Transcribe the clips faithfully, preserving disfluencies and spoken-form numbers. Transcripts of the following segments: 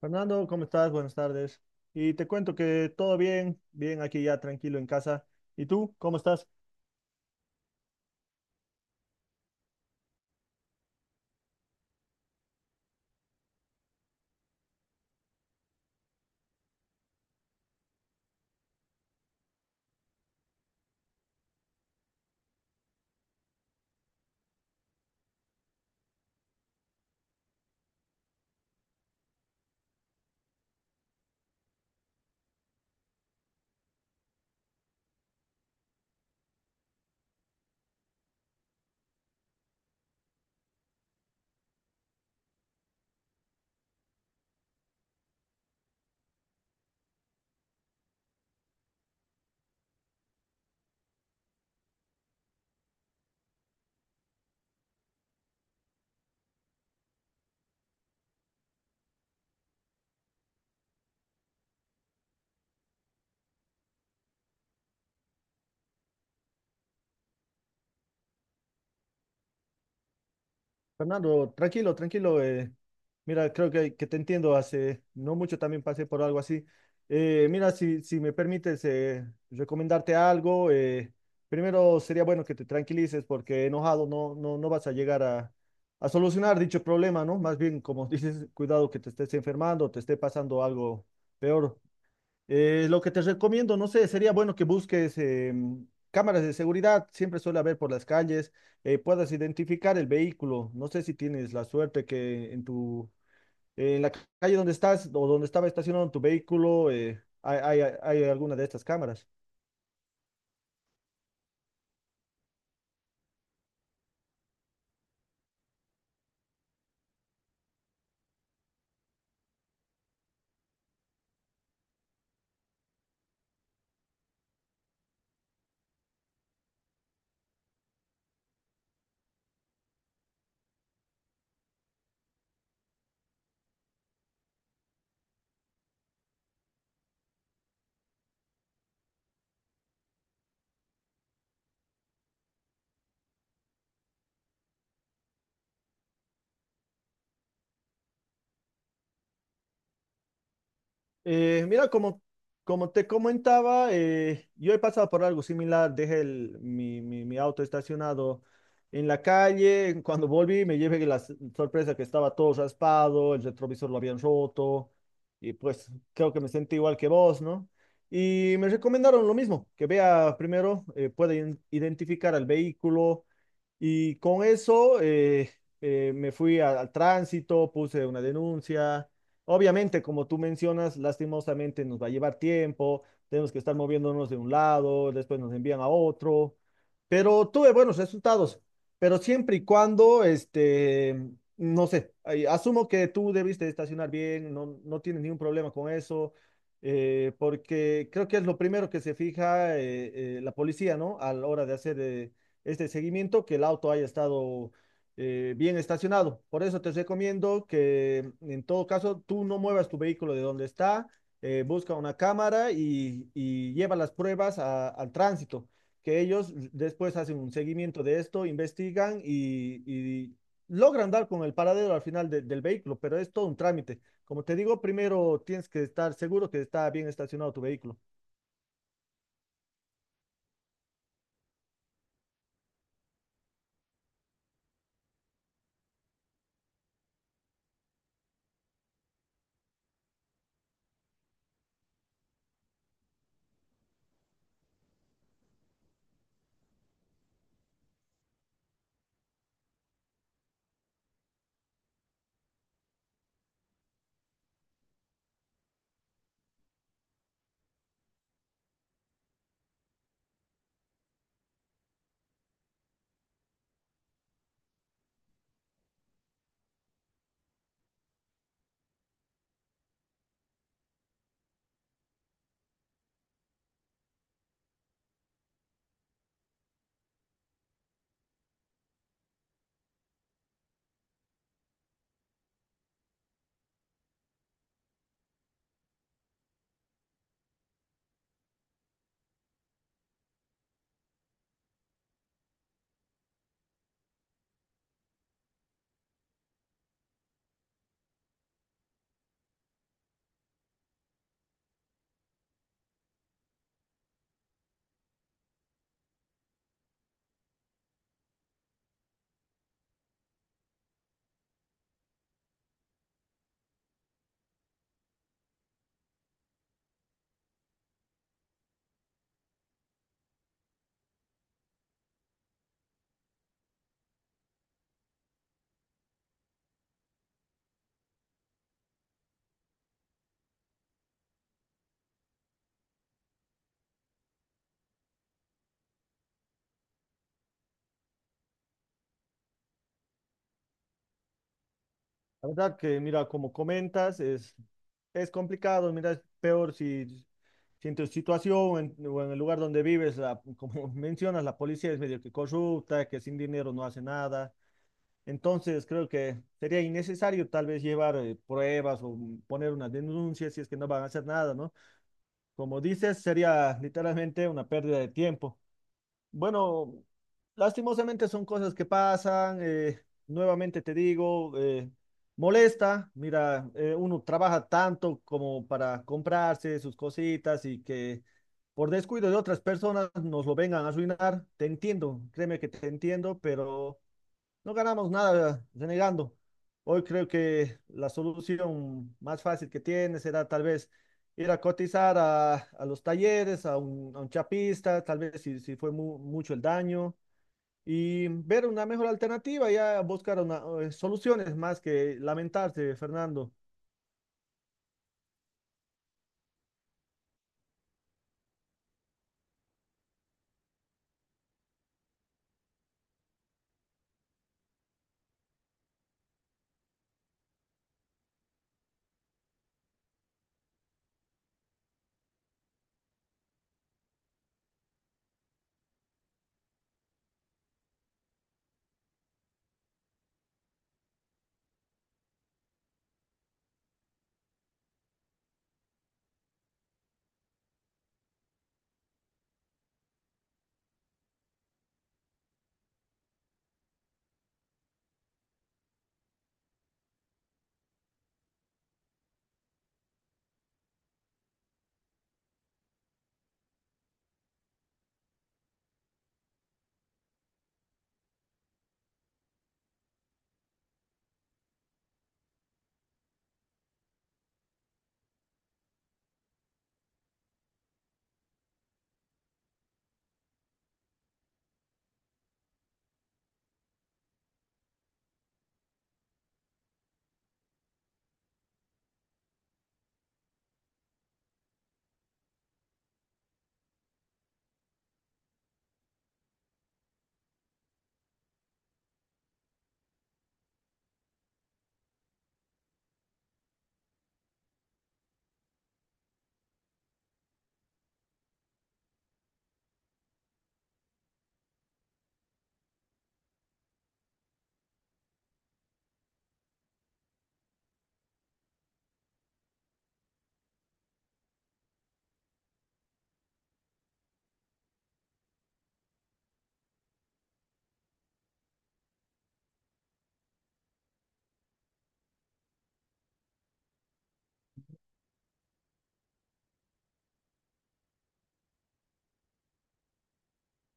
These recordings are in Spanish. Fernando, ¿cómo estás? Buenas tardes. Y te cuento que todo bien, bien aquí ya tranquilo en casa. ¿Y tú, cómo estás? Fernando, tranquilo, tranquilo. Eh, mira, creo que, que te entiendo. Hace no mucho también pasé por algo así. Eh, mira, si, si me permites eh, recomendarte algo, eh, primero sería bueno que te tranquilices porque enojado no, no, no vas a llegar a, a solucionar dicho problema, ¿no? Más bien, como dices, cuidado que te estés enfermando, te esté pasando algo peor. Eh, lo que te recomiendo, no sé, sería bueno que busques em, cámaras de seguridad, siempre suele haber por las calles, eh, puedas identificar el vehículo. No sé si tienes la suerte que en tu, eh, en la calle donde estás o donde estaba estacionado tu vehículo, eh, hay, hay hay alguna de estas cámaras. Eh, mira, como, como te comentaba, eh, yo he pasado por algo similar. Dejé el- mi, mi- mi auto estacionado en la calle. Cuando volví, me llevé la s- sorpresa que estaba todo raspado, el retrovisor lo habían roto. Y pues creo que me sentí igual que vos, ¿no? Y me recomendaron lo mismo, que vea primero, eh, puede in- identificar al vehículo. Y con eso eh, eh, me fui a- al tránsito, puse una denuncia. Obviamente, como tú mencionas, lastimosamente nos va a llevar tiempo, tenemos que estar moviéndonos de un lado, después nos envían a otro, pero tuve buenos resultados, pero siempre y cuando, este, no sé, ay, asumo que tú debiste estacionar bien, no, no tienes ningún problema con eso, eh, porque creo que es lo primero que se fija eh, eh, la policía, ¿no? A la hora de hacer eh, este seguimiento, que el auto haya estado eh, bien estacionado. Por eso te recomiendo que en todo caso tú no muevas tu vehículo de donde está, eh, busca una cámara y, y lleva las pruebas a- al tránsito, que ellos después hacen un seguimiento de esto, investigan y, y logran dar con el paradero al final de- del vehículo, pero es todo un trámite. Como te digo, primero tienes que estar seguro que está bien estacionado tu vehículo. La verdad que, mira, como comentas, es, es complicado, mira, es peor si, si en tu situación en- o en el lugar donde vives, la- como mencionas, la policía es medio que corrupta, que sin dinero no hace nada. Entonces creo que sería innecesario tal vez llevar eh, pruebas o mm, poner una denuncia si es que no van a hacer nada, ¿no? Como dices, sería literalmente una pérdida de tiempo. Bueno, lastimosamente son cosas que pasan. Eh, nuevamente te digo, eh, molesta. Mira, eh, uno trabaja tanto como para comprarse sus cositas y que por descuido de otras personas nos lo vengan a arruinar. Te entiendo, créeme que te entiendo, pero no ganamos nada renegando. Hoy creo que la solución más fácil que tiene será tal vez ir a cotizar a, a los talleres, a un, a un chapista, tal vez si, si fue mu- mucho el daño, y ver una mejor alternativa, ya buscar una, eh, soluciones más que lamentarse, Fernando.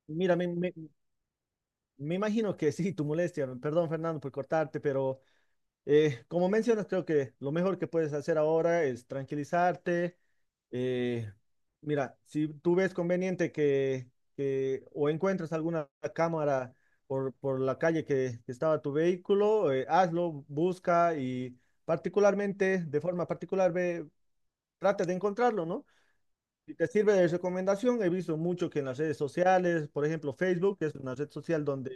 Mira, me, me- me imagino que sí, tu molestia, perdón Fernando por cortarte, pero Eh, como mencionas, creo que lo mejor que puedes hacer ahora es tranquilizarte. eh, Mira, si tú ves conveniente que, que- o encuentras alguna cámara por, por la calle que, que estaba tu vehículo, eh, hazlo, busca y particularmente, de forma particular, ve, trata de encontrarlo, ¿no? Si te sirve de recomendación, he visto mucho que en las redes sociales, por ejemplo, Facebook, que es una red social donde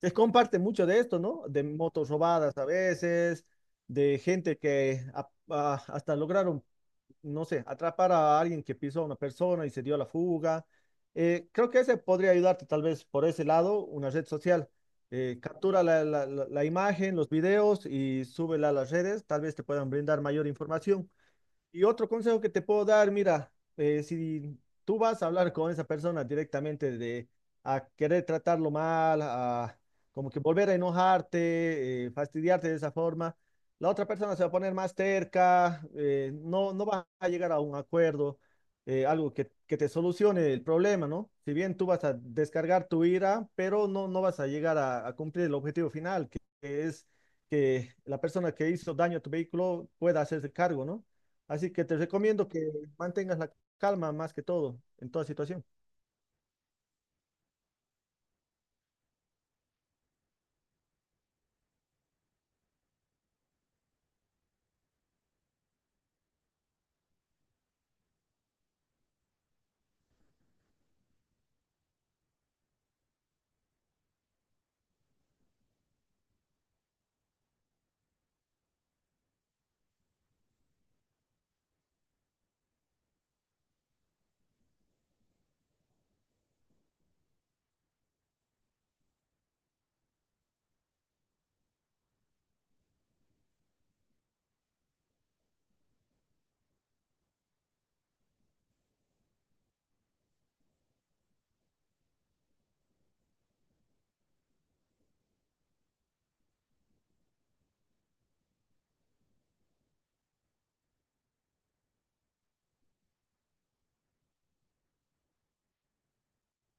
se comparte mucho de esto, ¿no? De motos robadas a veces, de gente que a- a- hasta lograron, no sé, atrapar a alguien que pisó a una persona y se dio a la fuga. Eh, creo que ese podría ayudarte tal vez por ese lado, una red social. Eh, captura la, la- la- la imagen, los videos y súbela a las redes, tal vez te puedan brindar mayor información. Y otro consejo que te puedo dar, mira, eh, si tú vas a hablar con esa persona directamente de a querer tratarlo mal, a como que volver a enojarte, eh, fastidiarte de esa forma, la otra persona se va a poner más terca, eh, no, no va a llegar a un acuerdo, eh, algo que, que te solucione el problema, ¿no? Si bien tú vas a descargar tu ira, pero no, no vas a llegar a, a cumplir el objetivo final, que que es que la persona que hizo daño a tu vehículo pueda hacerse cargo, ¿no? Así que te recomiendo que mantengas la calma más que todo en toda situación.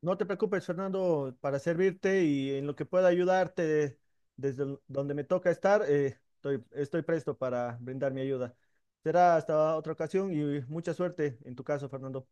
No te preocupes, Fernando, para servirte y en lo que pueda ayudarte desde el- donde me toca estar, eh, estoy, estoy presto para brindar mi ayuda. Será hasta otra ocasión y mucha suerte en tu caso, Fernando.